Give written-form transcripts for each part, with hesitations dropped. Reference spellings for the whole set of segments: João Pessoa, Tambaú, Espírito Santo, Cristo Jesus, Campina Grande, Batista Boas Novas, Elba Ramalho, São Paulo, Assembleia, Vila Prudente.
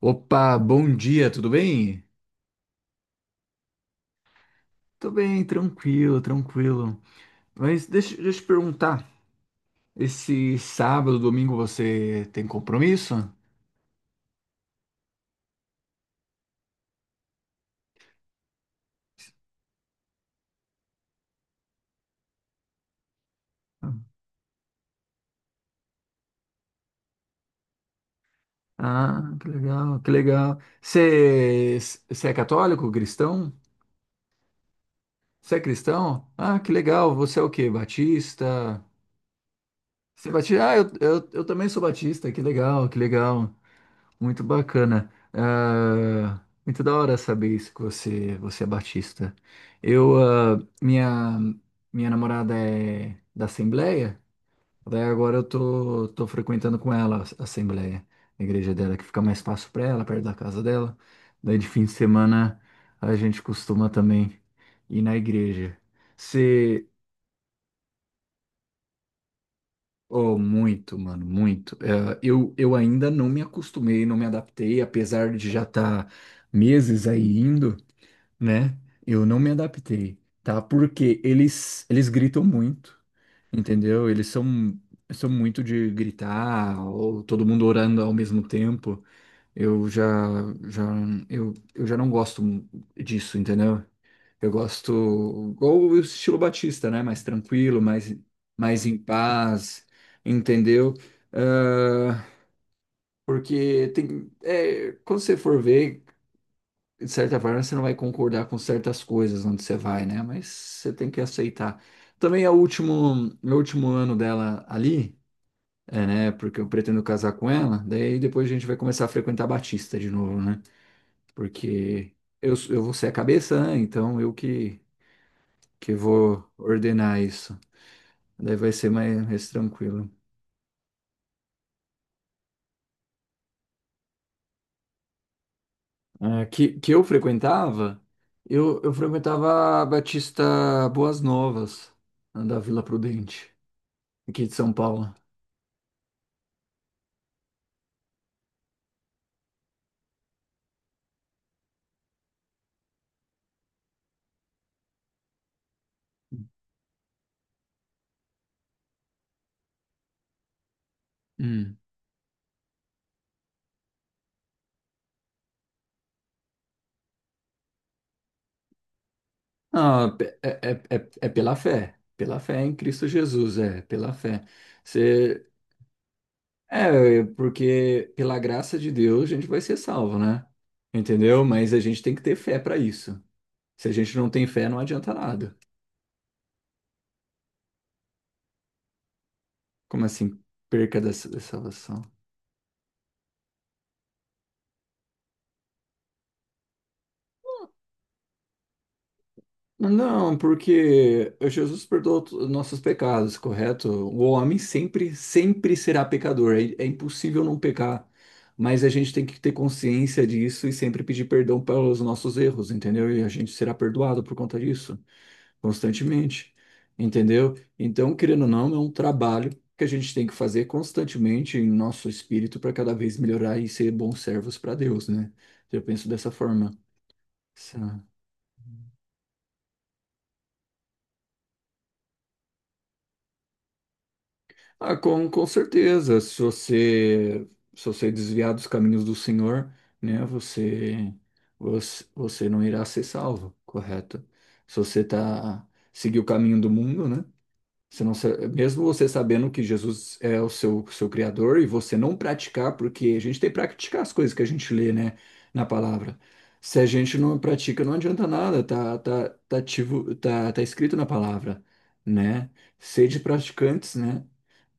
Opa, bom dia, tudo bem? Tô bem, tranquilo, tranquilo. Mas deixa eu te perguntar, esse sábado, domingo você tem compromisso? Ah, que legal, que legal. Você é católico, cristão? Você é cristão? Ah, que legal, você é o quê? Batista? Você é batista? Ah, eu também sou batista, que legal, que legal. Muito bacana. Ah, muito da hora saber isso que você é batista. Eu, ah, minha, Minha namorada é da Assembleia, daí agora eu tô frequentando com ela a Assembleia, a igreja dela, que fica mais fácil para ela, perto da casa dela. Daí de fim de semana a gente costuma também ir na igreja. Oh, muito, mano, muito. Eu ainda não me acostumei, não me adaptei, apesar de já estar meses aí indo, né? Eu não me adaptei, tá? Porque eles gritam muito, entendeu? Eles são muito de gritar, ou todo mundo orando ao mesmo tempo. Eu já, já, eu já não gosto disso, entendeu? Eu gosto, ou o estilo Batista, né? Mais em paz, entendeu? Ah, porque tem, é, quando você for ver, de certa forma, você não vai concordar com certas coisas onde você vai, né? Mas você tem que aceitar. Também é o último ano dela ali, é, né? Porque eu pretendo casar com ela, daí depois a gente vai começar a frequentar Batista de novo, né? Porque eu vou ser a cabeça, né? Então eu que. Que eu vou ordenar isso. Daí vai ser mais tranquilo. Ah, que eu frequentava a Batista Boas Novas, da Vila Prudente, aqui de São Paulo. Hum. Ah, pe- é, é pela fé em Cristo Jesus, é, pela fé. Você, é, porque pela graça de Deus a gente vai ser salvo, né? Entendeu? Mas a gente tem que ter fé para isso. Se a gente não tem fé, não adianta nada. Como assim, perca da salvação? Não, porque Jesus perdoou to- nossos pecados, correto? O homem sempre, sempre será pecador. É, é impossível não pecar. Mas a gente tem que ter consciência disso e sempre pedir perdão pelos nossos erros, entendeu? E a gente será perdoado por conta disso, constantemente, entendeu? Então, querendo ou não, é um trabalho que a gente tem que fazer constantemente em nosso espírito para cada vez melhorar e ser bons servos para Deus, né? Eu penso dessa forma. Ah, com certeza. Se você desviar dos caminhos do Senhor, né, você não irá ser salvo, correto? Se você tá, seguir o caminho do mundo, né? Você não, sa- mesmo você sabendo que Jesus é o seu, seu criador e você não praticar, porque a gente tem que praticar as coisas que a gente lê, né, na palavra. Se a gente não pratica, não adianta nada, ativo, tá escrito na palavra, né? Sede praticantes, né?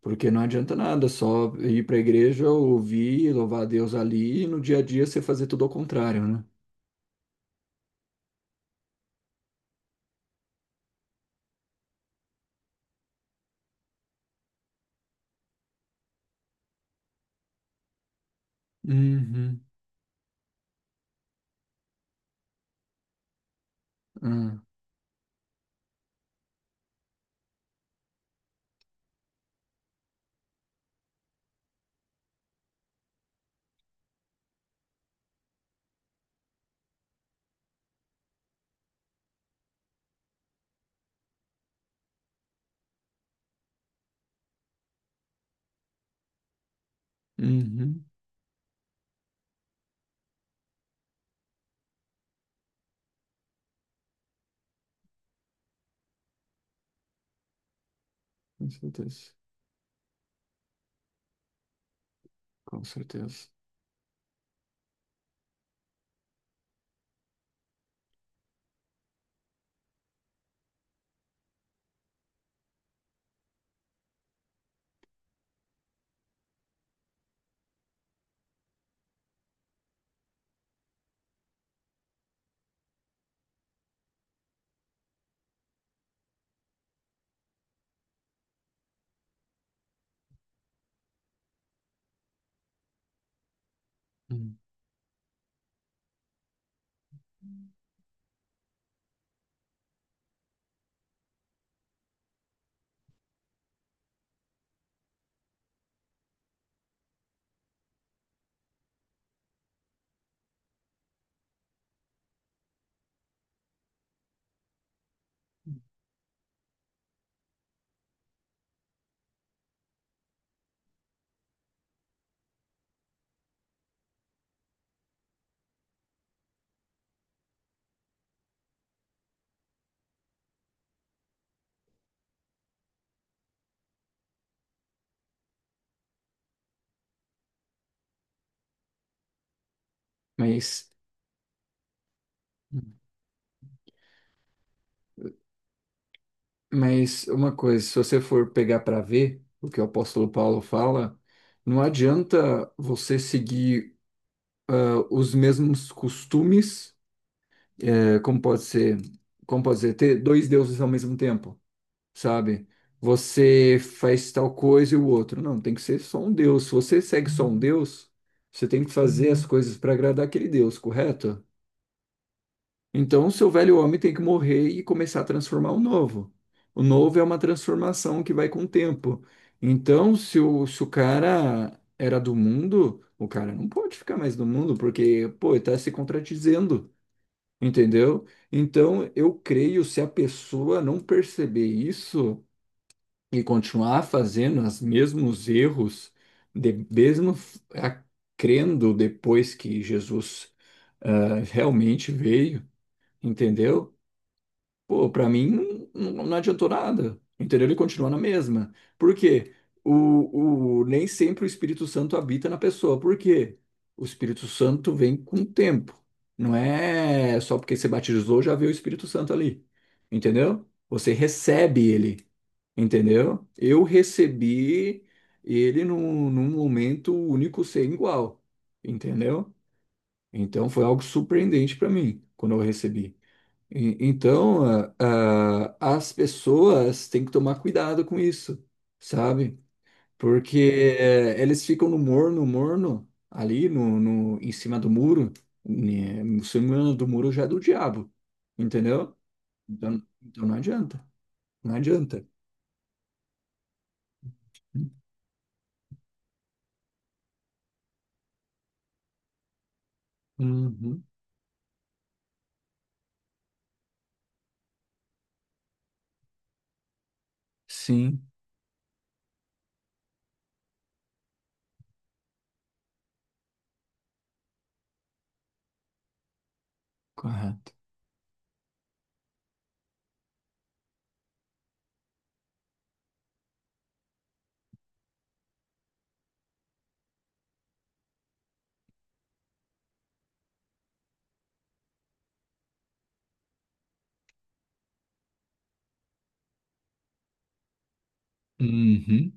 Porque não adianta nada só ir para a igreja, ouvir, louvar a Deus ali e no dia a dia você fazer tudo ao contrário, né? Uhum. ah, Uhum. Com certeza. Com certeza. Hum. Mas. Mas uma coisa, se você for pegar para ver o que o apóstolo Paulo fala, não adianta você seguir os mesmos costumes, eh, como pode ser, como pode ser, ter dois deuses ao mesmo tempo, sabe? Você faz tal coisa e o outro. Não, tem que ser só um Deus. Se você segue só um Deus, você tem que fazer as coisas para agradar aquele Deus, correto? Então, o seu velho homem tem que morrer e começar a transformar o novo. O novo é uma transformação que vai com o tempo. Então, se o cara era do mundo, o cara não pode ficar mais no mundo, porque, pô, ele tá se contradizendo, entendeu? Então, eu creio, se a pessoa não perceber isso e continuar fazendo os mesmos erros, de, mesmo f- a- crendo depois que Jesus realmente veio, entendeu? Pô, pra mim não adiantou nada, entendeu? Ele continua na mesma. Por quê? Nem sempre o Espírito Santo habita na pessoa. Por quê? O Espírito Santo vem com o tempo. Não é só porque você batizou já veio o Espírito Santo ali, entendeu? Você recebe ele, entendeu? Eu recebi ele num momento único sem igual, entendeu? Então foi algo surpreendente pra mim quando eu recebi. Então, as pessoas têm que tomar cuidado com isso, sabe? Porque eles ficam no morno, morno, ali no, no, em cima do muro, né? Em cima do muro já é do diabo, entendeu? Então, não adianta. Uhum. Sim, correto. Uhum.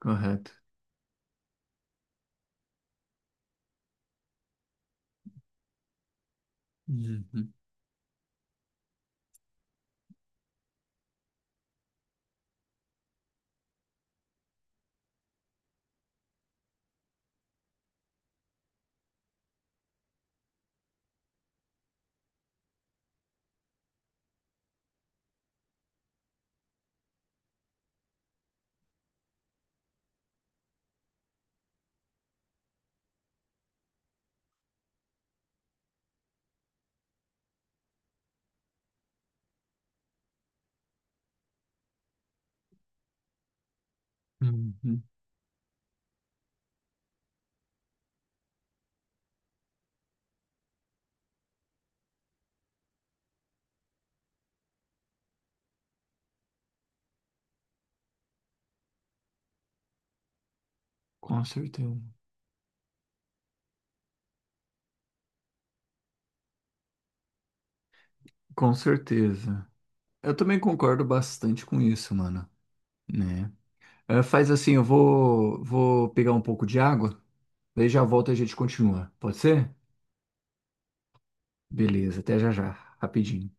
Correto. Uhum. Uhum. Com certeza. Com certeza. Eu também concordo bastante com isso, mano, né? Eh, faz assim, eu vou pegar um pouco de água, daí já volto e a gente continua. Pode ser? Beleza, até já já, rapidinho.